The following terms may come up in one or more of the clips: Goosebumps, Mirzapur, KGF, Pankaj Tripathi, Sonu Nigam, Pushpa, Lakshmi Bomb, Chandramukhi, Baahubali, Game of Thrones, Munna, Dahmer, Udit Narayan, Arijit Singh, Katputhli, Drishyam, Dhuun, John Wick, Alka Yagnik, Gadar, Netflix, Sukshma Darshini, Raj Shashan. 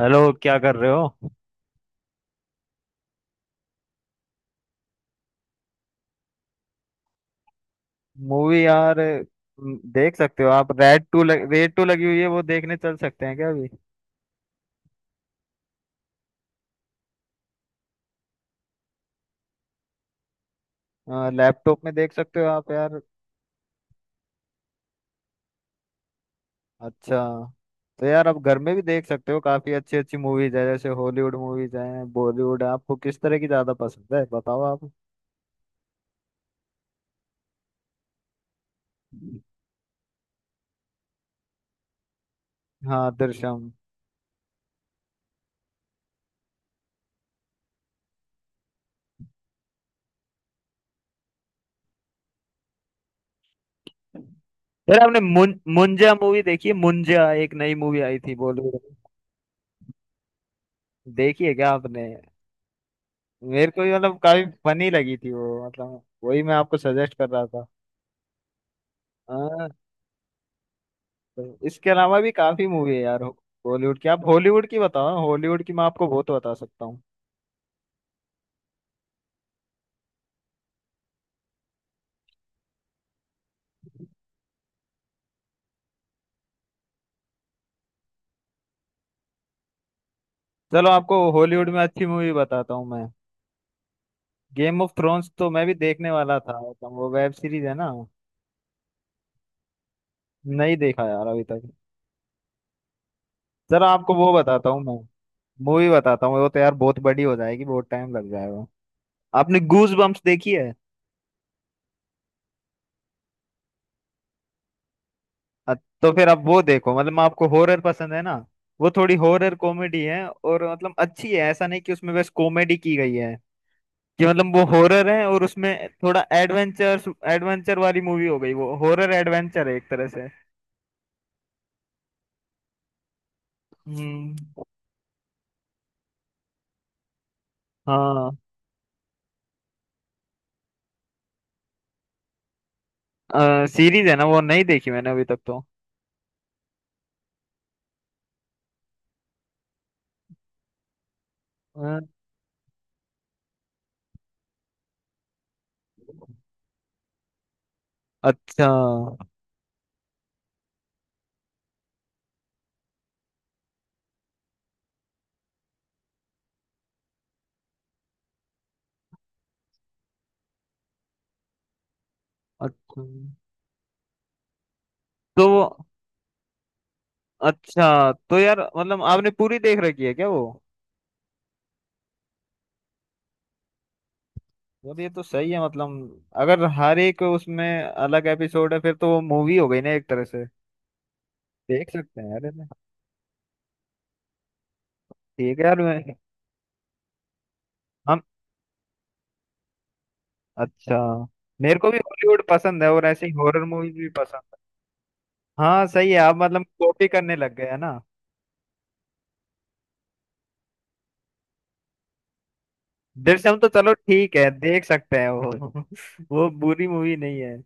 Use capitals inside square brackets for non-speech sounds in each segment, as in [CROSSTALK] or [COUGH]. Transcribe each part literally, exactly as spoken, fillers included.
Hello, क्या कर रहे हो? मूवी यार। म, देख सकते हो आप। रेड टू लग, रेड टू लगी हुई है, वो देखने चल सकते हैं क्या अभी? अ, लैपटॉप में देख सकते हो आप यार। अच्छा, तो यार आप घर में भी देख सकते हो। काफी अच्छी अच्छी मूवीज है, जैसे हॉलीवुड मूवीज हैं, बॉलीवुड है। आपको किस तरह की ज्यादा पसंद है, बताओ आप। हाँ, दृश्यम। यार आपने मुं, मुंजा मूवी देखी है? मुंजा एक नई मूवी आई थी बॉलीवुड में। देखी है क्या आपने? मेरे को ये मतलब काफी फनी लगी थी वो। मतलब वही मैं आपको सजेस्ट कर रहा था। हाँ, तो इसके अलावा भी काफी मूवी है यार बॉलीवुड की। आप हॉलीवुड की बताओ ना, हॉलीवुड की मैं आपको बहुत बता सकता हूँ। चलो आपको हॉलीवुड में अच्छी मूवी बताता हूँ मैं। गेम ऑफ थ्रोन्स तो मैं भी देखने वाला था। तो वो वेब सीरीज है ना? नहीं देखा यार अभी तक। चलो आपको वो बताता हूँ मैं। मूवी बताता हूँ, वो तो यार बहुत बड़ी हो जाएगी, बहुत टाइम लग जाएगा। आपने गूज बम्प्स देखी है? अ- तो फिर आप वो देखो। मतलब मैं, आपको हॉरर पसंद है ना? वो थोड़ी हॉरर कॉमेडी है, और मतलब अच्छी है। ऐसा नहीं कि उसमें बस कॉमेडी की गई है, कि मतलब वो हॉरर है और उसमें थोड़ा एडवेंचर। एडवेंचर वाली मूवी हो गई वो, हॉरर एडवेंचर है एक तरह से। हम्म। हाँ, सीरीज है ना वो। नहीं देखी मैंने अभी तक तो। अ, अच्छा। अच्छा, तो वो, अच्छा तो यार मतलब आपने पूरी देख रखी है क्या वो? यार ये तो सही है, मतलब अगर हर एक उसमें अलग एपिसोड है फिर तो वो मूवी हो गई ना एक तरह से। देख सकते हैं यार ये तो। ठीक है यार, मैं- हम। अच्छा, मेरे को भी हॉलीवुड पसंद है और ऐसे ही हॉरर मूवीज भी पसंद है। हाँ सही है, आप मतलब कॉपी करने लग गए है ना। दृश्यम तो चलो ठीक है, देख सकते हैं वो। [LAUGHS] वो बुरी मूवी नहीं है।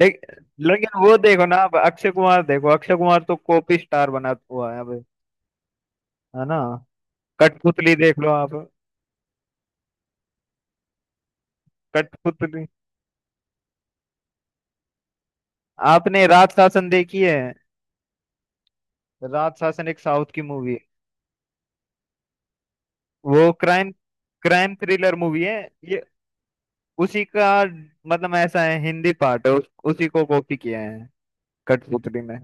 देख, लेकिन वो देखो ना अब, अक्षय कुमार देखो, अक्षय कुमार तो कॉपी स्टार बना हुआ है अब, है ना? कठपुतली देख लो आप। कठपुतली, आपने राज शासन देखी है? राज शासन एक साउथ की मूवी है। वो क्राइम, क्राइम थ्रिलर मूवी है ये। उसी का, मतलब ऐसा है, हिंदी पार्ट है उस, उसी को कॉपी किया है कठपुतली में।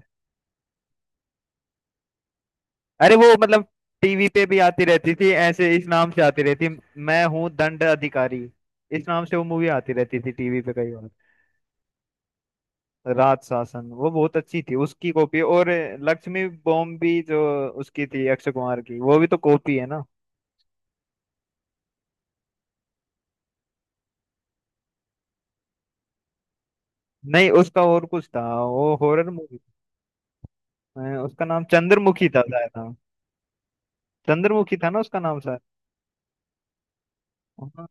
अरे वो मतलब टीवी पे भी आती रहती थी ऐसे, इस नाम से आती रहती। मैं हूँ दंड अधिकारी, इस नाम से वो मूवी आती रहती थी टीवी पे कई बार। राज शासन वो बहुत अच्छी थी, उसकी कॉपी। और लक्ष्मी बॉम्ब भी जो उसकी थी, अक्षय कुमार की, वो भी तो कॉपी है ना। नहीं, उसका और कुछ था। वो हॉरर मूवी, उसका नाम चंद्रमुखी था शायद, हाँ। चंद्रमुखी था ना उसका नाम शायद। हाँ,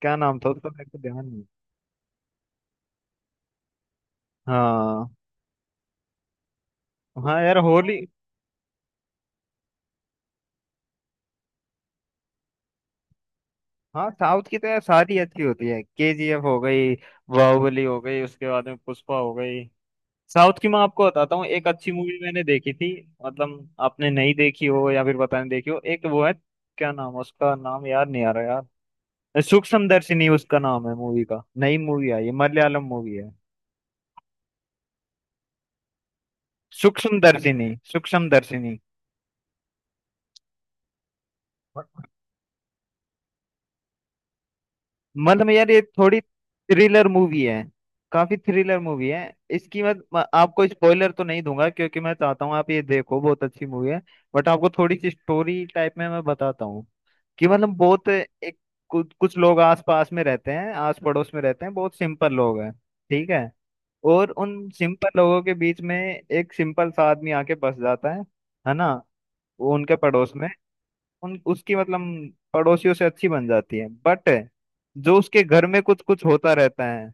क्या नाम था उसका, मेरे को ध्यान नहीं। हाँ। हाँ यार, होली। हाँ साउथ की तो यार सारी अच्छी होती है। केजीएफ हो गई, बाहुबली हो गई, उसके बाद में पुष्पा हो गई। साउथ की मैं आपको बताता हूँ एक अच्छी मूवी मैंने देखी थी। मतलब आपने नहीं देखी हो या फिर पता नहीं देखी हो, एक वो है। क्या नाम है, उसका नाम याद नहीं आ रहा यार। सूक्ष्म दर्शिनी, उसका नाम है मूवी का, नई मूवी आई है, मलयालम मूवी है। सूक्ष्म दर्शिनी, सूक्ष्म दर्शिनी। मतलब यार ये थोड़ी थ्रिलर मूवी है, काफी थ्रिलर मूवी है। इसकी मैं मैं आपको स्पॉइलर तो नहीं दूंगा, क्योंकि मैं चाहता हूँ आप ये देखो, बहुत अच्छी मूवी है। बट आपको थोड़ी सी स्टोरी टाइप में मैं बताता हूँ। कि मतलब बहुत एक, कुछ कुछ लोग आस पास में रहते हैं, आस पड़ोस में रहते हैं, बहुत सिंपल लोग हैं। ठीक है? और उन सिंपल लोगों के बीच में एक सिंपल सा आदमी आके बस जाता है है ना, वो उनके पड़ोस में। उन उसकी मतलब पड़ोसियों से अच्छी बन जाती है, बट जो उसके घर में कुछ कुछ होता रहता है,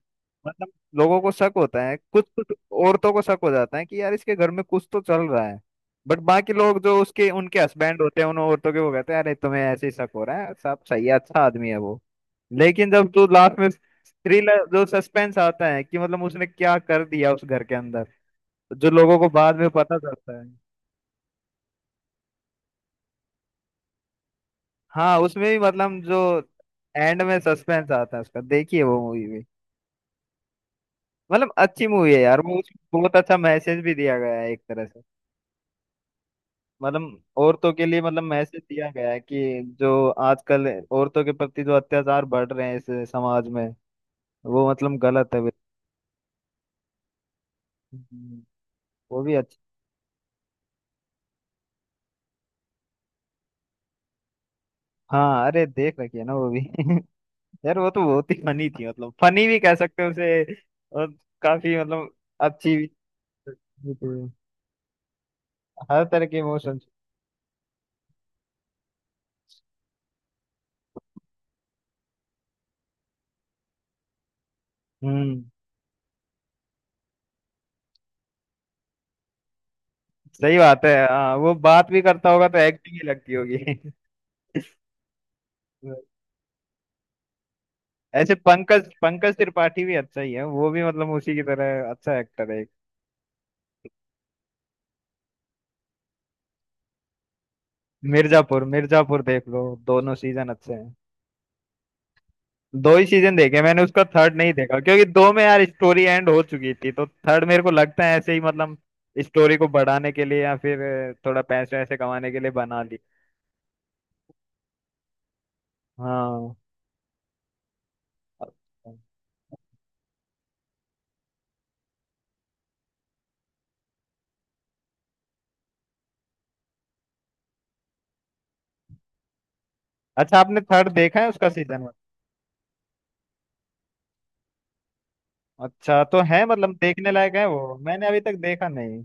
मतलब लोगों को शक होता है कुछ कुछ। औरतों को शक हो जाता है कि यार इसके घर में कुछ तो चल रहा है। बट बाकी लोग जो उसके, उनके हस्बैंड होते हैं उन औरतों के, वो कहते हैं अरे तुम्हें ऐसे ही शक हो रहा है, साहब सही है, अच्छा आदमी है वो। लेकिन जब तू लास्ट में, थ्रिलर जो सस्पेंस आता है कि मतलब उसने क्या कर दिया उस घर के अंदर, जो लोगों को बाद में पता चलता है। हाँ उसमें भी मतलब, जो एंड में सस्पेंस आता है उसका, देखिए वो मूवी भी। मतलब अच्छी मूवी है यार वो, उसमें बहुत अच्छा मैसेज भी दिया गया है एक तरह से। मतलब औरतों के लिए मतलब मैसेज दिया गया है, कि जो आजकल औरतों के प्रति जो अत्याचार बढ़ रहे हैं इस समाज में, वो मतलब गलत है बिल्कुल। हम्म, वो भी अच्छा। हाँ, अरे देख रखी है ना वो भी। [LAUGHS] यार वो तो बहुत ही फनी थी, मतलब फनी भी कह सकते हो उसे। और काफी मतलब अच्छी भी [LAUGHS] थी। हर तरह के इमोशंस। हम्म, सही बात है। हाँ वो बात भी करता होगा तो एक्टिंग ही लगती होगी। [LAUGHS] ऐसे पंकज, पंकज त्रिपाठी भी अच्छा ही है, वो भी मतलब उसी की तरह अच्छा एक्टर है। मिर्जापुर, मिर्जापुर देख लो, दोनों सीजन अच्छे हैं। दो ही सीजन देखे मैंने, उसका थर्ड नहीं देखा, क्योंकि दो में यार स्टोरी एंड हो चुकी थी। तो थर्ड मेरे को लगता है ऐसे ही मतलब स्टोरी को बढ़ाने के लिए या फिर अ, थोड़ा पैसे वैसे कमाने के लिए बना ली। हाँ। अच्छा, आपने थर्ड देखा है उसका सीजन? अच्छा तो है, मतलब देखने लायक है वो, मैंने अभी तक देखा नहीं।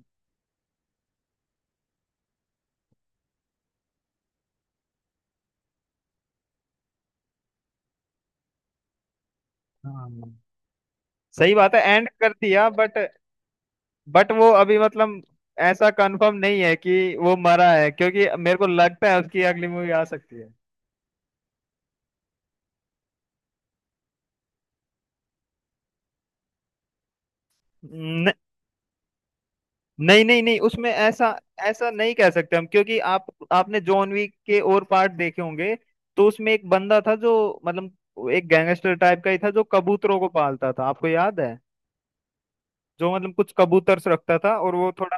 हाँ सही बात है, एंड कर दिया, बट बट वो अभी मतलब ऐसा कंफर्म नहीं है कि वो मरा है, क्योंकि मेरे को लगता है उसकी अगली मूवी आ सकती है। न, नहीं नहीं नहीं, उसमें ऐसा, ऐसा नहीं कह सकते हम, क्योंकि आप, आपने जॉन विक के और पार्ट देखे होंगे। तो उसमें एक बंदा था जो, मतलब एक गैंगस्टर टाइप का ही था, जो कबूतरों को पालता था, आपको याद है? जो मतलब कुछ कबूतर से रखता था, और वो थोड़ा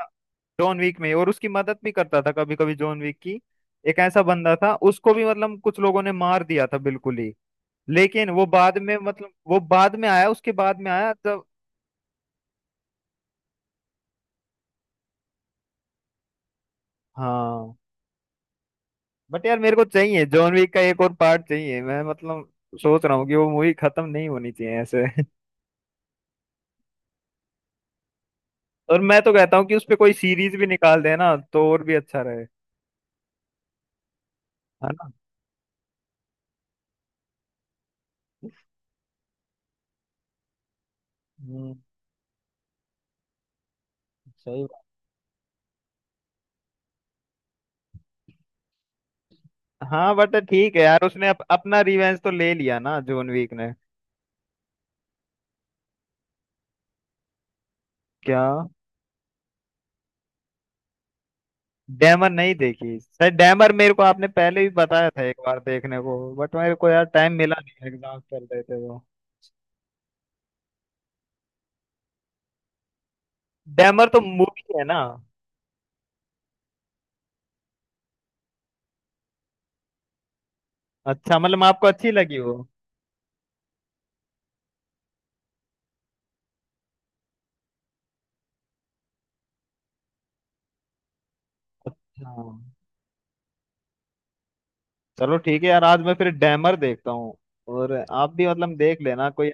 जॉन विक में, और उसकी मदद भी करता था कभी कभी जॉन विक की। एक ऐसा बंदा था, उसको भी मतलब कुछ लोगों ने मार दिया था बिल्कुल ही। लेकिन वो बाद में, मतलब वो बाद में आया, उसके बाद में आया तब। हाँ बट यार, मेरे को चाहिए जॉन विक का एक और पार्ट चाहिए। मैं मतलब सोच रहा हूँ कि वो मूवी खत्म नहीं होनी चाहिए ऐसे। [LAUGHS] और मैं तो कहता हूँ कि उस पे कोई सीरीज भी निकाल देना तो और भी अच्छा रहे, है ना। हम्म, सही। हाँ बट ठीक है यार, उसने अप, अपना रिवेंज तो ले लिया ना, जॉन वीक ने। क्या? डैमर, नहीं देखी सर। डैमर मेरे को आपने पहले भी बताया था एक बार देखने को, बट मेरे को यार टाइम मिला नहीं, एग्जाम चल रहे थे वो। डैमर तो मूवी है ना? अच्छा, मतलब आपको अच्छी लगी वो। हाँ, चलो ठीक है यार, आज मैं फिर डैमर देखता हूँ। और आप भी मतलब देख लेना कोई।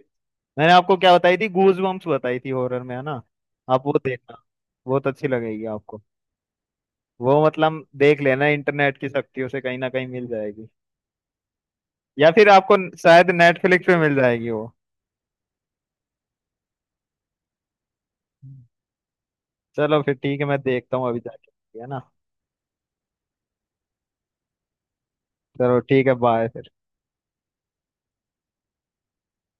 मैंने आपको क्या बताई थी, गूज बम्प्स बताई थी, हॉरर में है ना, आप वो देखना, बहुत अच्छी लगेगी आपको। वो मतलब देख लेना, इंटरनेट की शक्तियों से कहीं ना कहीं मिल जाएगी। या फिर आपको न- शायद नेटफ्लिक्स पे मिल जाएगी वो। चलो फिर ठीक है, मैं देखता हूँ अभी जाके, है ना। चलो ठीक है, बाय फिर।